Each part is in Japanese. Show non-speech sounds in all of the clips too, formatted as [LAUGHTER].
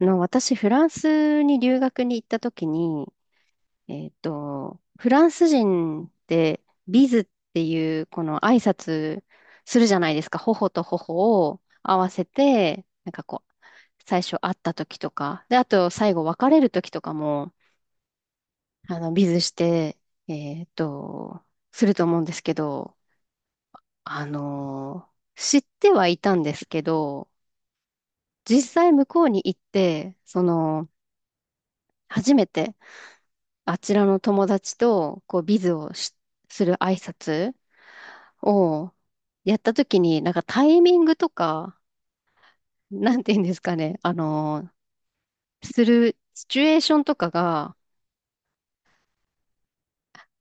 私、フランスに留学に行った時に、フランス人ってビズっていうこの挨拶するじゃないですか。頬と頬を合わせて、なんかこう、最初会った時とか、で、あと最後別れる時とかも、ビズして、えっと、すると思うんですけど、あの、知ってはいたんですけど、実際向こうに行って、初めて、あちらの友達と、こう、ビズをし、する挨拶をやったときに、なんかタイミングとか、なんて言うんですかね、するシチュエーションとかが、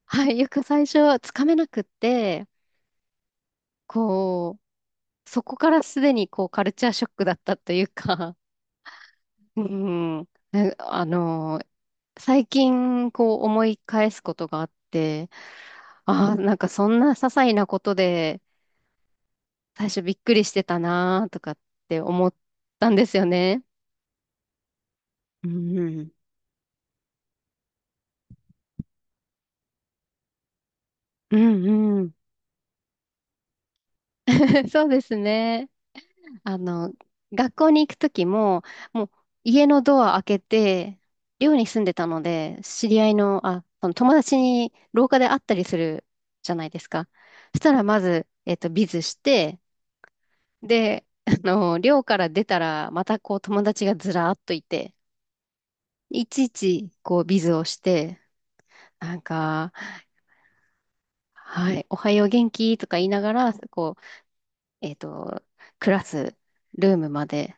はい、よく最初はつかめなくって、こう、そこからすでにこう、カルチャーショックだったというか、[LAUGHS] うん、ね、最近こう思い返すことがあって、ああ、なんかそんな些細なことで、最初びっくりしてたなーとかって思ったんですよね。うん。うんうん。[LAUGHS] そうですね。あの、学校に行くときも、もう家のドア開けて、寮に住んでたので、知り合いの、あ、その友達に廊下で会ったりするじゃないですか。そしたらまず、ビズして、で、寮から出たら、またこう友達がずらーっといて、いちいちこうビズをして、なんか、はい、おはよう元気とか言いながら、こう、えっと、クラス、ルームまで、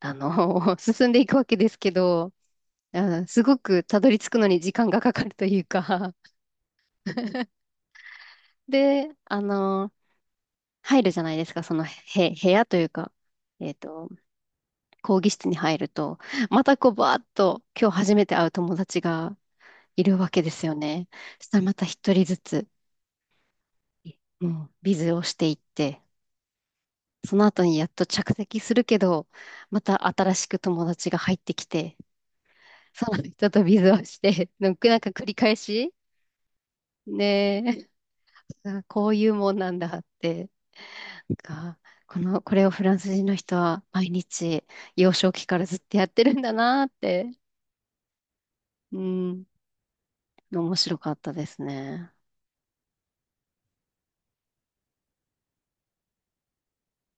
[LAUGHS] 進んでいくわけですけど、うん、すごくたどり着くのに時間がかかるというか、で、入るじゃないですか、そのへ、部屋というか、えっと、講義室に入ると、またこう、バーッと、今日初めて会う友達がいるわけですよね。そしたらまた一人ずつ、うん、ビズをしていって、その後にやっと着席するけど、また新しく友達が入ってきて、その人とビズをして、なんか繰り返し、ねえ、こういうもんなんだって、なんか、これをフランス人の人は毎日幼少期からずっとやってるんだなって、うん、面白かったですね。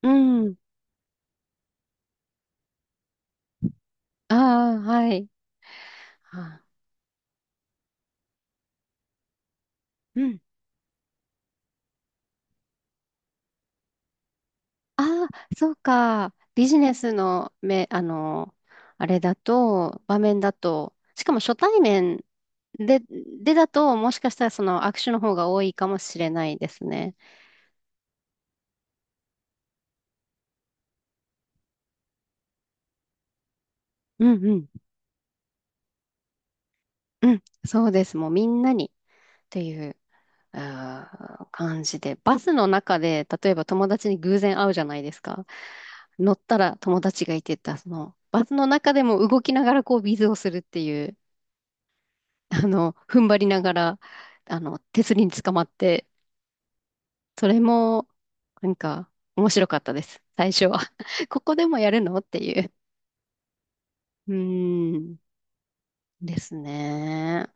うん、ああ、はい。あ、うん。ああ、そうか。ビジネスのめ、あれだと、場面だと、しかも初対面で、でだと、もしかしたらその握手の方が多いかもしれないですね。うんうん。うん、そうです。もうみんなにっていう、感じで。バスの中で、例えば友達に偶然会うじゃないですか。乗ったら友達がいてた、バスの中でも動きながらこうビズをするっていう、踏ん張りながら、手すりにつかまってそれも、なんか、面白かったです。最初は。[LAUGHS] ここでもやるのっていう。うーん。ですね。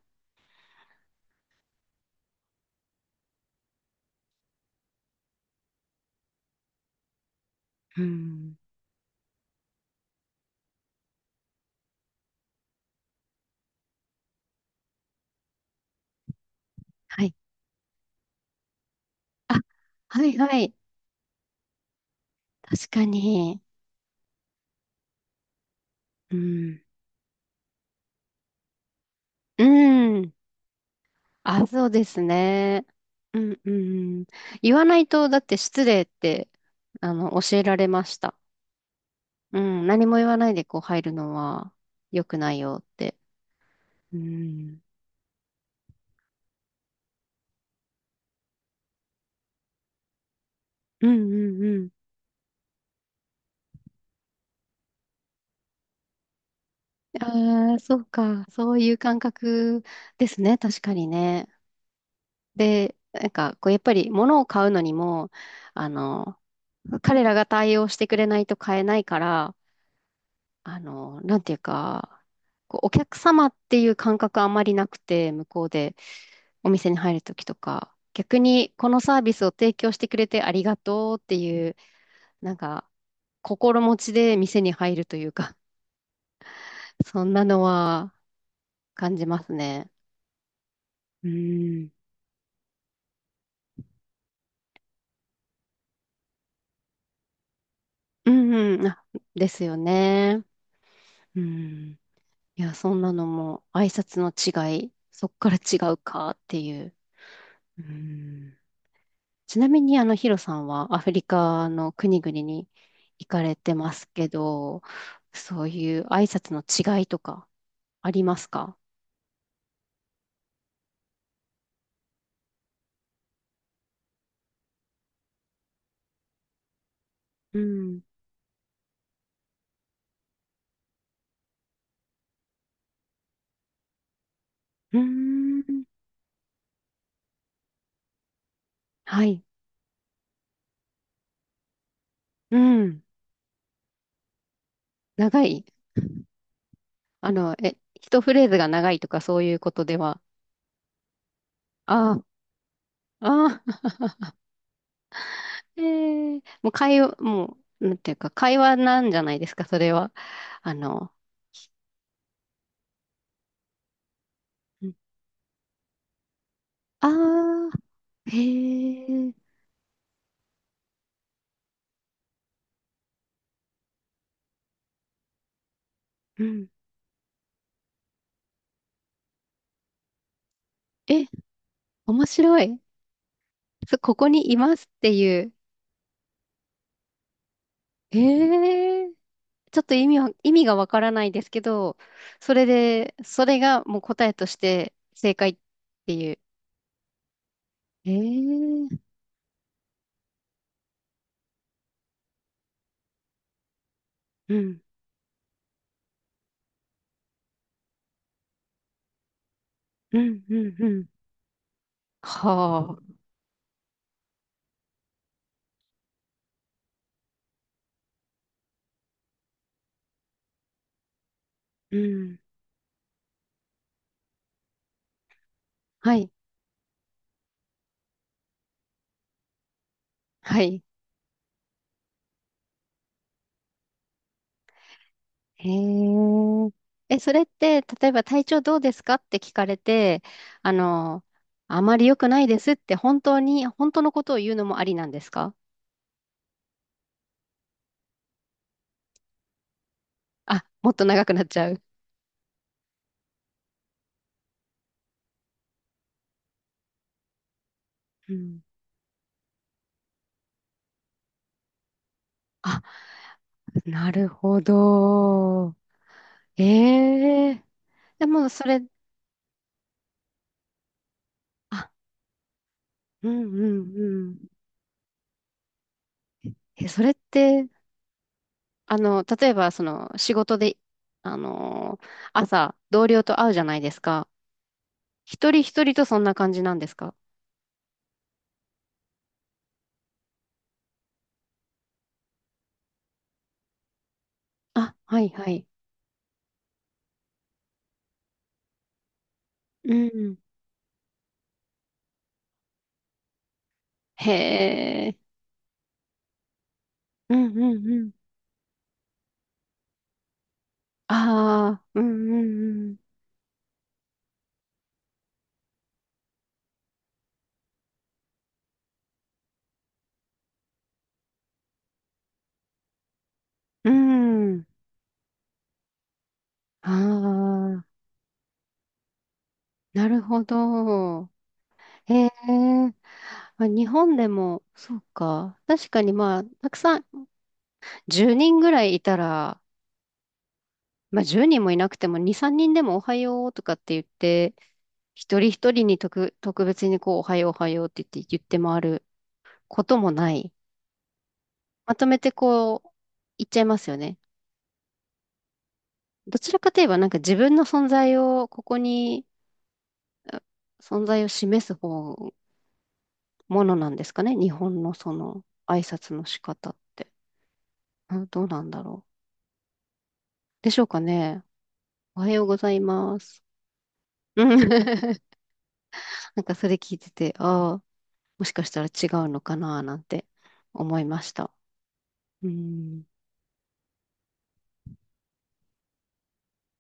うん。はい。あ、はいはい。確かに。うん。うん。あ、そうですね。うんうん。言わないと、だって失礼って、教えられました。うん。何も言わないでこう入るのは良くないよって。うん。うんうんうん。ああ、そうか。そういう感覚ですね。確かにね。で、なんか、こう、やっぱり物を買うのにも、あの、彼らが対応してくれないと買えないから、なんていうか、こう、お客様っていう感覚あんまりなくて、向こうでお店に入るときとか、逆にこのサービスを提供してくれてありがとうっていう、なんか、心持ちで店に入るというか、[LAUGHS] そんなのは感じますね。うん。うんうん、あ、ですよね。うん。いや、そんなのも挨拶の違い、そっから違うかっていう。うん。ちなみに、ヒロさんはアフリカの国々に行かれてますけど、そういう挨拶の違いとかありますか？うん。うーん。はい。うん。長い。え、一フレーズが長いとかそういうことでは？ああ、ああ。もう、なんていうか、会話なんじゃないですか、それは？あの、ああー、へえ、うん。え、面白い。ここにいますっていう？ええ、ちょっと意味がわからないですけど、それがもう答えとして正解っていう？ええ、うん、うん、うん、うん。はあ、うん。はい、はい。へえ。え、それって、例えば体調どうですかって聞かれて、あの、あまり良くないですって本当のことを言うのもありなんですか？あ、もっと長くなっちゃう。うん。あ、なるほど。ええ。でもそれ、あ、うんうんうん。え、それって、例えばその仕事で、あの、朝同僚と会うじゃないですか。一人一人とそんな感じなんですか？あ、はいはい。うん。へえ。うんうんうん。ああ、うんうんうん。うん。ああ、なるほど。へえ。まあ、日本でも、そうか。確かにまあ、たくさん、10人ぐらいいたら、まあ10人もいなくても、2、3人でもおはようとかって言って、一人一人に特別にこう、おはようおはようって言って、回ることもない。まとめてこう、言っちゃいますよね。どちらかといえばなんか自分の存在を、ここに、あ存在を示す方、ものなんですかね。日本のその挨拶の仕方って。どうなんだろう。でしょうかね。おはようございます。うん。 [LAUGHS] なんかそれ聞いてて、ああ、もしかしたら違うのかななんて思いました。うん。